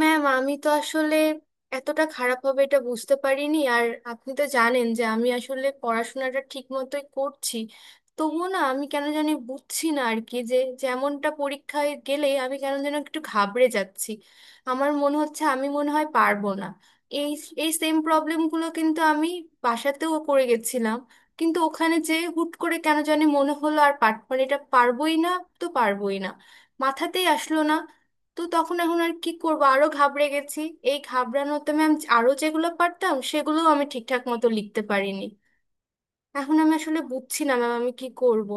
Ma'am, আমি তো আসলে এতটা খারাপ হবে এটা বুঝতে পারিনি। আর আপনি তো জানেন যে আমি আসলে পড়াশোনাটা ঠিক মতোই করছি। তবুও না, আমি কেন জানি বুঝছি না আর কি যে, যেমনটা পরীক্ষায় গেলে আমি কেন যেন একটু ঘাবড়ে যাচ্ছি। আমার মনে হচ্ছে আমি মনে হয় পারবো না। এই এই সেম প্রবলেমগুলো কিন্তু আমি বাসাতেও করে গেছিলাম, কিন্তু ওখানে যে হুট করে কেন জানি মনে হলো আর মানে এটা পারবোই না, তো পারবোই না, মাথাতেই আসলো না। তো তখন এখন আর কি করবো, আরো ঘাবড়ে গেছি। এই ঘাবড়ানোতে ম্যাম, আরো যেগুলো পারতাম সেগুলোও আমি ঠিকঠাক মতো লিখতে পারিনি। এখন আমি আসলে বুঝছি না ম্যাম, আমি কি করব।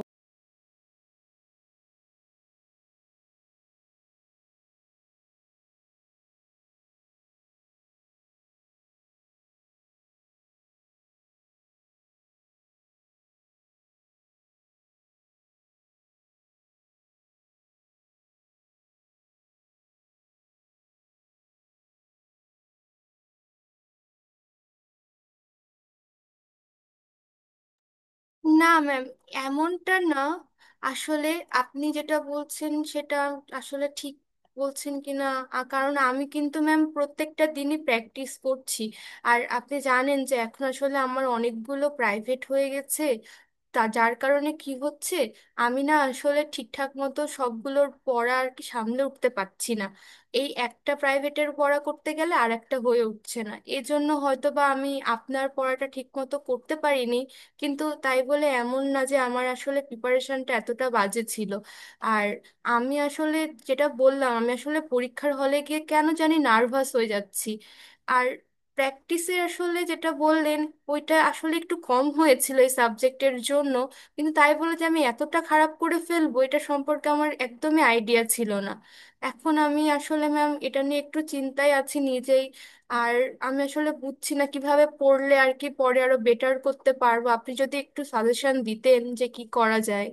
না ম্যাম, এমনটা না। আসলে আপনি যেটা বলছেন সেটা আসলে ঠিক বলছেন কিনা, কারণ আমি কিন্তু ম্যাম প্রত্যেকটা দিনই প্র্যাকটিস করছি। আর আপনি জানেন যে এখন আসলে আমার অনেকগুলো প্রাইভেট হয়ে গেছে। তা যার কারণে কি হচ্ছে, আমি না আসলে ঠিকঠাক মতো সবগুলোর পড়া আর কি সামলে উঠতে পারছি না। এই একটা প্রাইভেটের পড়া করতে গেলে আর একটা হয়ে উঠছে না, এজন্য হয়তো বা আমি আপনার পড়াটা ঠিক মতো করতে পারিনি। কিন্তু তাই বলে এমন না যে আমার আসলে প্রিপারেশনটা এতটা বাজে ছিল। আর আমি আসলে যেটা বললাম, আমি আসলে পরীক্ষার হলে গিয়ে কেন জানি নার্ভাস হয়ে যাচ্ছি। আর প্র্যাকটিসে আসলে যেটা বললেন, ওইটা আসলে একটু কম হয়েছিল এই সাবজেক্টের জন্য। কিন্তু তাই বলে যে আমি এতটা খারাপ করে ফেলবো এটা সম্পর্কে আমার একদমই আইডিয়া ছিল না। এখন আমি আসলে ম্যাম এটা নিয়ে একটু চিন্তায় আছি নিজেই। আর আমি আসলে বুঝছি না কিভাবে পড়লে আর কি পরে আরো বেটার করতে পারবো, আপনি যদি একটু সাজেশন দিতেন যে কি করা যায়।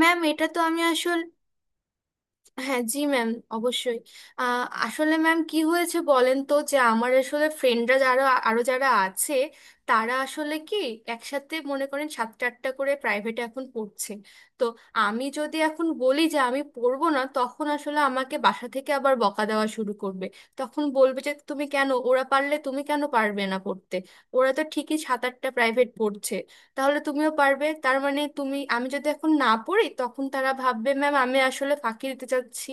ম্যাম, এটা তো আমি আসলে। হ্যাঁ জি ম্যাম, অবশ্যই। আসলে ম্যাম কি হয়েছে বলেন তো, যে আমার আসলে ফ্রেন্ডরা যারা আরো যারা আছে, তারা আসলে কি একসাথে মনে করেন সাতটা আটটা করে প্রাইভেটে এখন পড়ছে। তো আমি যদি এখন বলি যে আমি পড়বো না, তখন আসলে আমাকে বাসা থেকে আবার বকা দেওয়া শুরু করবে। তখন বলবে যে তুমি কেন, ওরা পারলে তুমি কেন পারবে না পড়তে, ওরা তো ঠিকই সাত আটটা প্রাইভেট পড়ছে, তাহলে তুমিও পারবে। তার মানে তুমি, আমি যদি এখন না পড়ি তখন তারা ভাববে ম্যাম, আমি আসলে ফাঁকি দিতে চাচ্ছি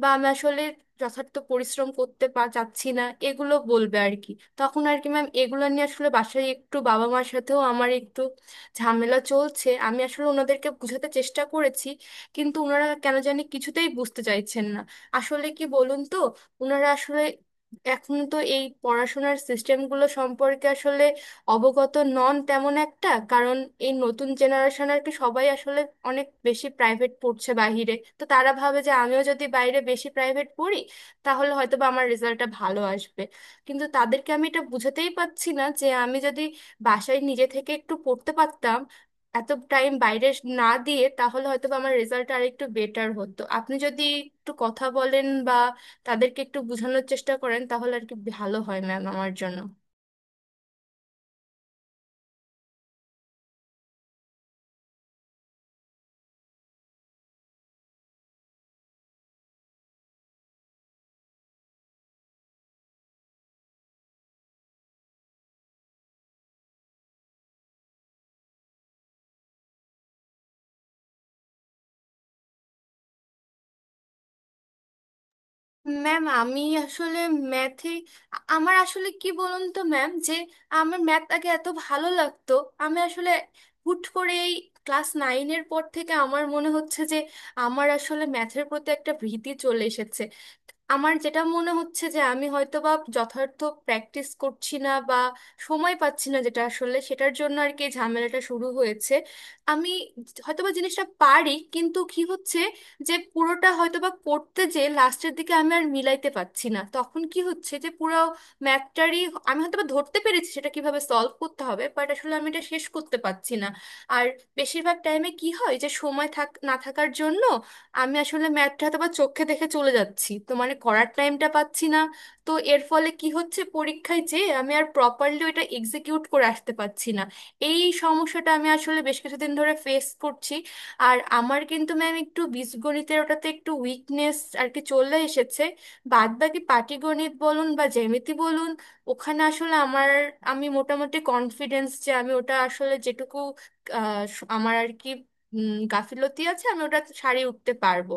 বা আমি আসলে যথার্থ পরিশ্রম করতে চাচ্ছি না, এগুলো বলবে আর কি। তখন আর কি ম্যাম, এগুলো নিয়ে আসলে বাসায় একটু বাবা মার সাথেও আমার একটু ঝামেলা চলছে। আমি আসলে ওনাদেরকে বোঝাতে চেষ্টা করেছি, কিন্তু ওনারা কেন জানি কিছুতেই বুঝতে চাইছেন না। আসলে কি বলুন তো, ওনারা আসলে এখন তো এই পড়াশোনার সিস্টেমগুলো সম্পর্কে আসলে অবগত নন তেমন একটা। কারণ এই নতুন জেনারেশন আর কি, সবাই আসলে অনেক বেশি প্রাইভেট পড়ছে বাহিরে। তো তারা ভাবে যে আমিও যদি বাইরে বেশি প্রাইভেট পড়ি তাহলে হয়তো বা আমার রেজাল্টটা ভালো আসবে। কিন্তু তাদেরকে আমি এটা বুঝাতেই পারছি না যে আমি যদি বাসায় নিজে থেকে একটু পড়তে পারতাম, এত টাইম বাইরে না দিয়ে, তাহলে হয়তো বা আমার রেজাল্ট আর একটু বেটার হতো। আপনি যদি একটু কথা বলেন বা তাদেরকে একটু বোঝানোর চেষ্টা করেন তাহলে আর কি ভালো হয় ম্যাম আমার জন্য। ম্যাম, আমি আসলে ম্যাথে আমার আসলে কি বলুন তো ম্যাম, যে আমার ম্যাথ আগে এত ভালো লাগতো। আমি আসলে হুট করে এই ক্লাস নাইনের পর থেকে আমার মনে হচ্ছে যে আমার আসলে ম্যাথের প্রতি একটা ভীতি চলে এসেছে। আমার যেটা মনে হচ্ছে যে আমি হয়তো বা যথার্থ প্র্যাকটিস করছি না বা সময় পাচ্ছি না, যেটা আসলে সেটার জন্য আর কি এই ঝামেলাটা শুরু হয়েছে। আমি হয়তোবা জিনিসটা পারি, কিন্তু কি হচ্ছে যে পুরোটা হয়তোবা করতে, যে লাস্টের দিকে আমি আর মিলাইতে পারছি না। তখন কি হচ্ছে যে পুরো ম্যাথটারই আমি হয়তোবা ধরতে পেরেছি সেটা কিভাবে সলভ করতে হবে, বাট আসলে আমি এটা শেষ করতে পারছি না। আর বেশিরভাগ টাইমে কি হয় যে সময় থাক না থাকার জন্য আমি আসলে ম্যাথটা হয়তো বা চোখে দেখে চলে যাচ্ছি, তো মানে করার টাইমটা পাচ্ছি না। তো এর ফলে কি হচ্ছে পরীক্ষায়, যে আমি আর প্রপারলি ওটা এক্সিকিউট করে আসতে পারছি না। এই সমস্যাটা আমি আসলে বেশ কিছুদিন ধরে ফেস করছি। আর আমার কিন্তু ম্যাম একটু বীজগণিতের ওটাতে একটু উইকনেস আর কি চলে এসেছে। বাদ বাকি পাটিগণিত বলুন বা জ্যামিতি বলুন, ওখানে আসলে আমার, আমি মোটামুটি কনফিডেন্স যে আমি ওটা আসলে যেটুকু আহ, আমার আর কি গাফিলতি আছে আমি ওটা সারিয়ে উঠতে পারবো।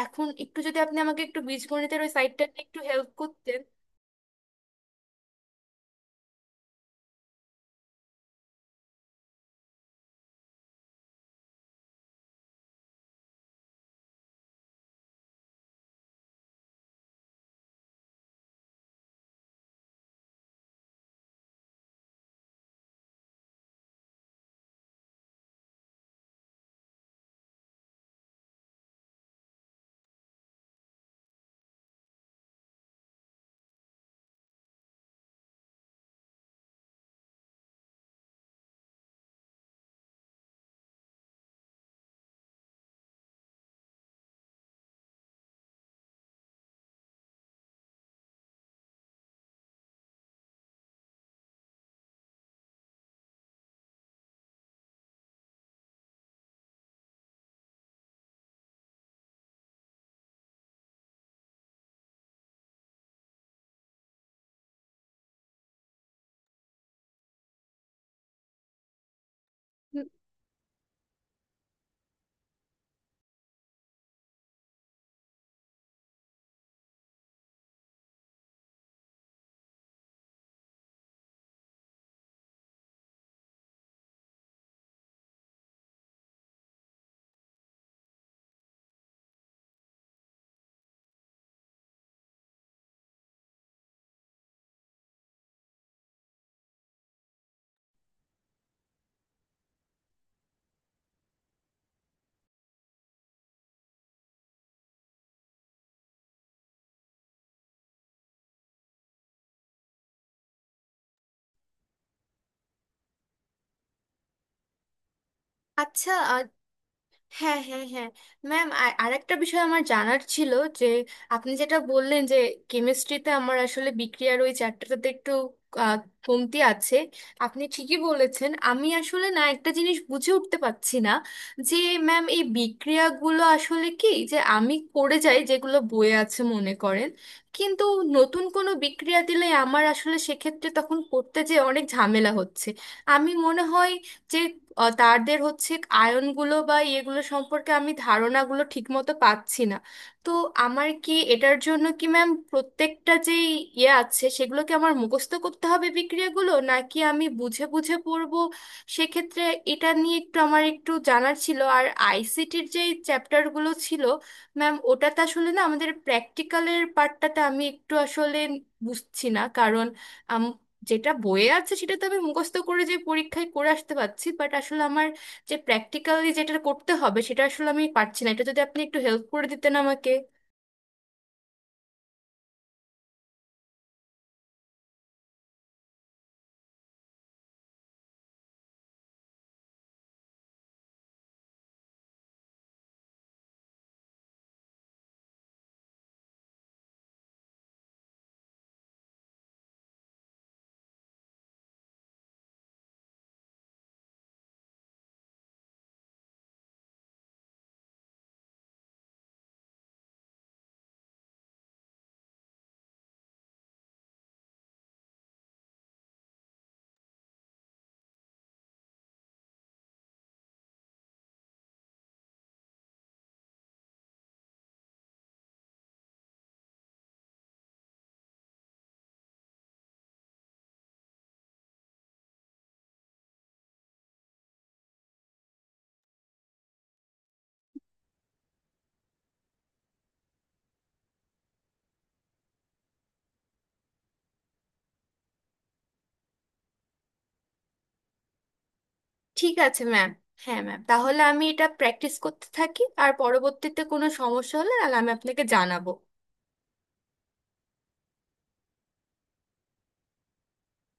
এখন একটু যদি আপনি আমাকে একটু বীজগণিতের ওই সাইডটা একটু হেল্প করতেন। উম, আচ্ছা। হ্যাঁ, হ্যাঁ, হ্যাঁ। ম্যাম আর আরেকটা বিষয় আমার জানার ছিল, যে আপনি যেটা বললেন যে কেমিস্ট্রিতে আমার আসলে বিক্রিয়ার ওই চ্যাপ্টারটাতে একটু আহ, কমতি আছে। আপনি ঠিকই বলেছেন, আমি আসলে না একটা জিনিস বুঝে উঠতে পারছি না। যে ম্যাম এই বিক্রিয়াগুলো আসলে কি, যে আমি করে যাই যেগুলো বইয়ে আছে মনে করেন, কিন্তু নতুন কোনো বিক্রিয়া দিলে আমার আসলে সেক্ষেত্রে তখন করতে যে অনেক ঝামেলা হচ্ছে। আমি মনে হয় যে তাদের হচ্ছে আয়নগুলো বা ইয়েগুলো সম্পর্কে আমি ধারণাগুলো ঠিকমতো পাচ্ছি না। তো আমার কি এটার জন্য কি ম্যাম প্রত্যেকটা যে ইয়ে আছে সেগুলো কি আমার মুখস্থ করতে হবে বিক্রিয়াগুলো, নাকি আমি বুঝে বুঝে পড়বো সেক্ষেত্রে? এটা নিয়ে একটু আমার একটু জানার ছিল। আর আইসিটির যে চ্যাপ্টারগুলো ছিল ম্যাম, ওটাতে আসলে না আমাদের প্র্যাকটিক্যালের পার্টটাতে আমি একটু আসলে বুঝছি না। কারণ যেটা বইয়ে আছে সেটা তো আমি মুখস্থ করে যে পরীক্ষায় করে আসতে পারছি, বাট আসলে আমার যে প্র্যাকটিক্যালি যেটা করতে হবে সেটা আসলে আমি পারছি না। এটা যদি আপনি একটু হেল্প করে দিতেন আমাকে। ঠিক আছে ম্যাম। হ্যাঁ ম্যাম, তাহলে আমি এটা প্র্যাকটিস করতে থাকি, আর পরবর্তীতে কোনো সমস্যা হলে তাহলে আমি আপনাকে জানাবো।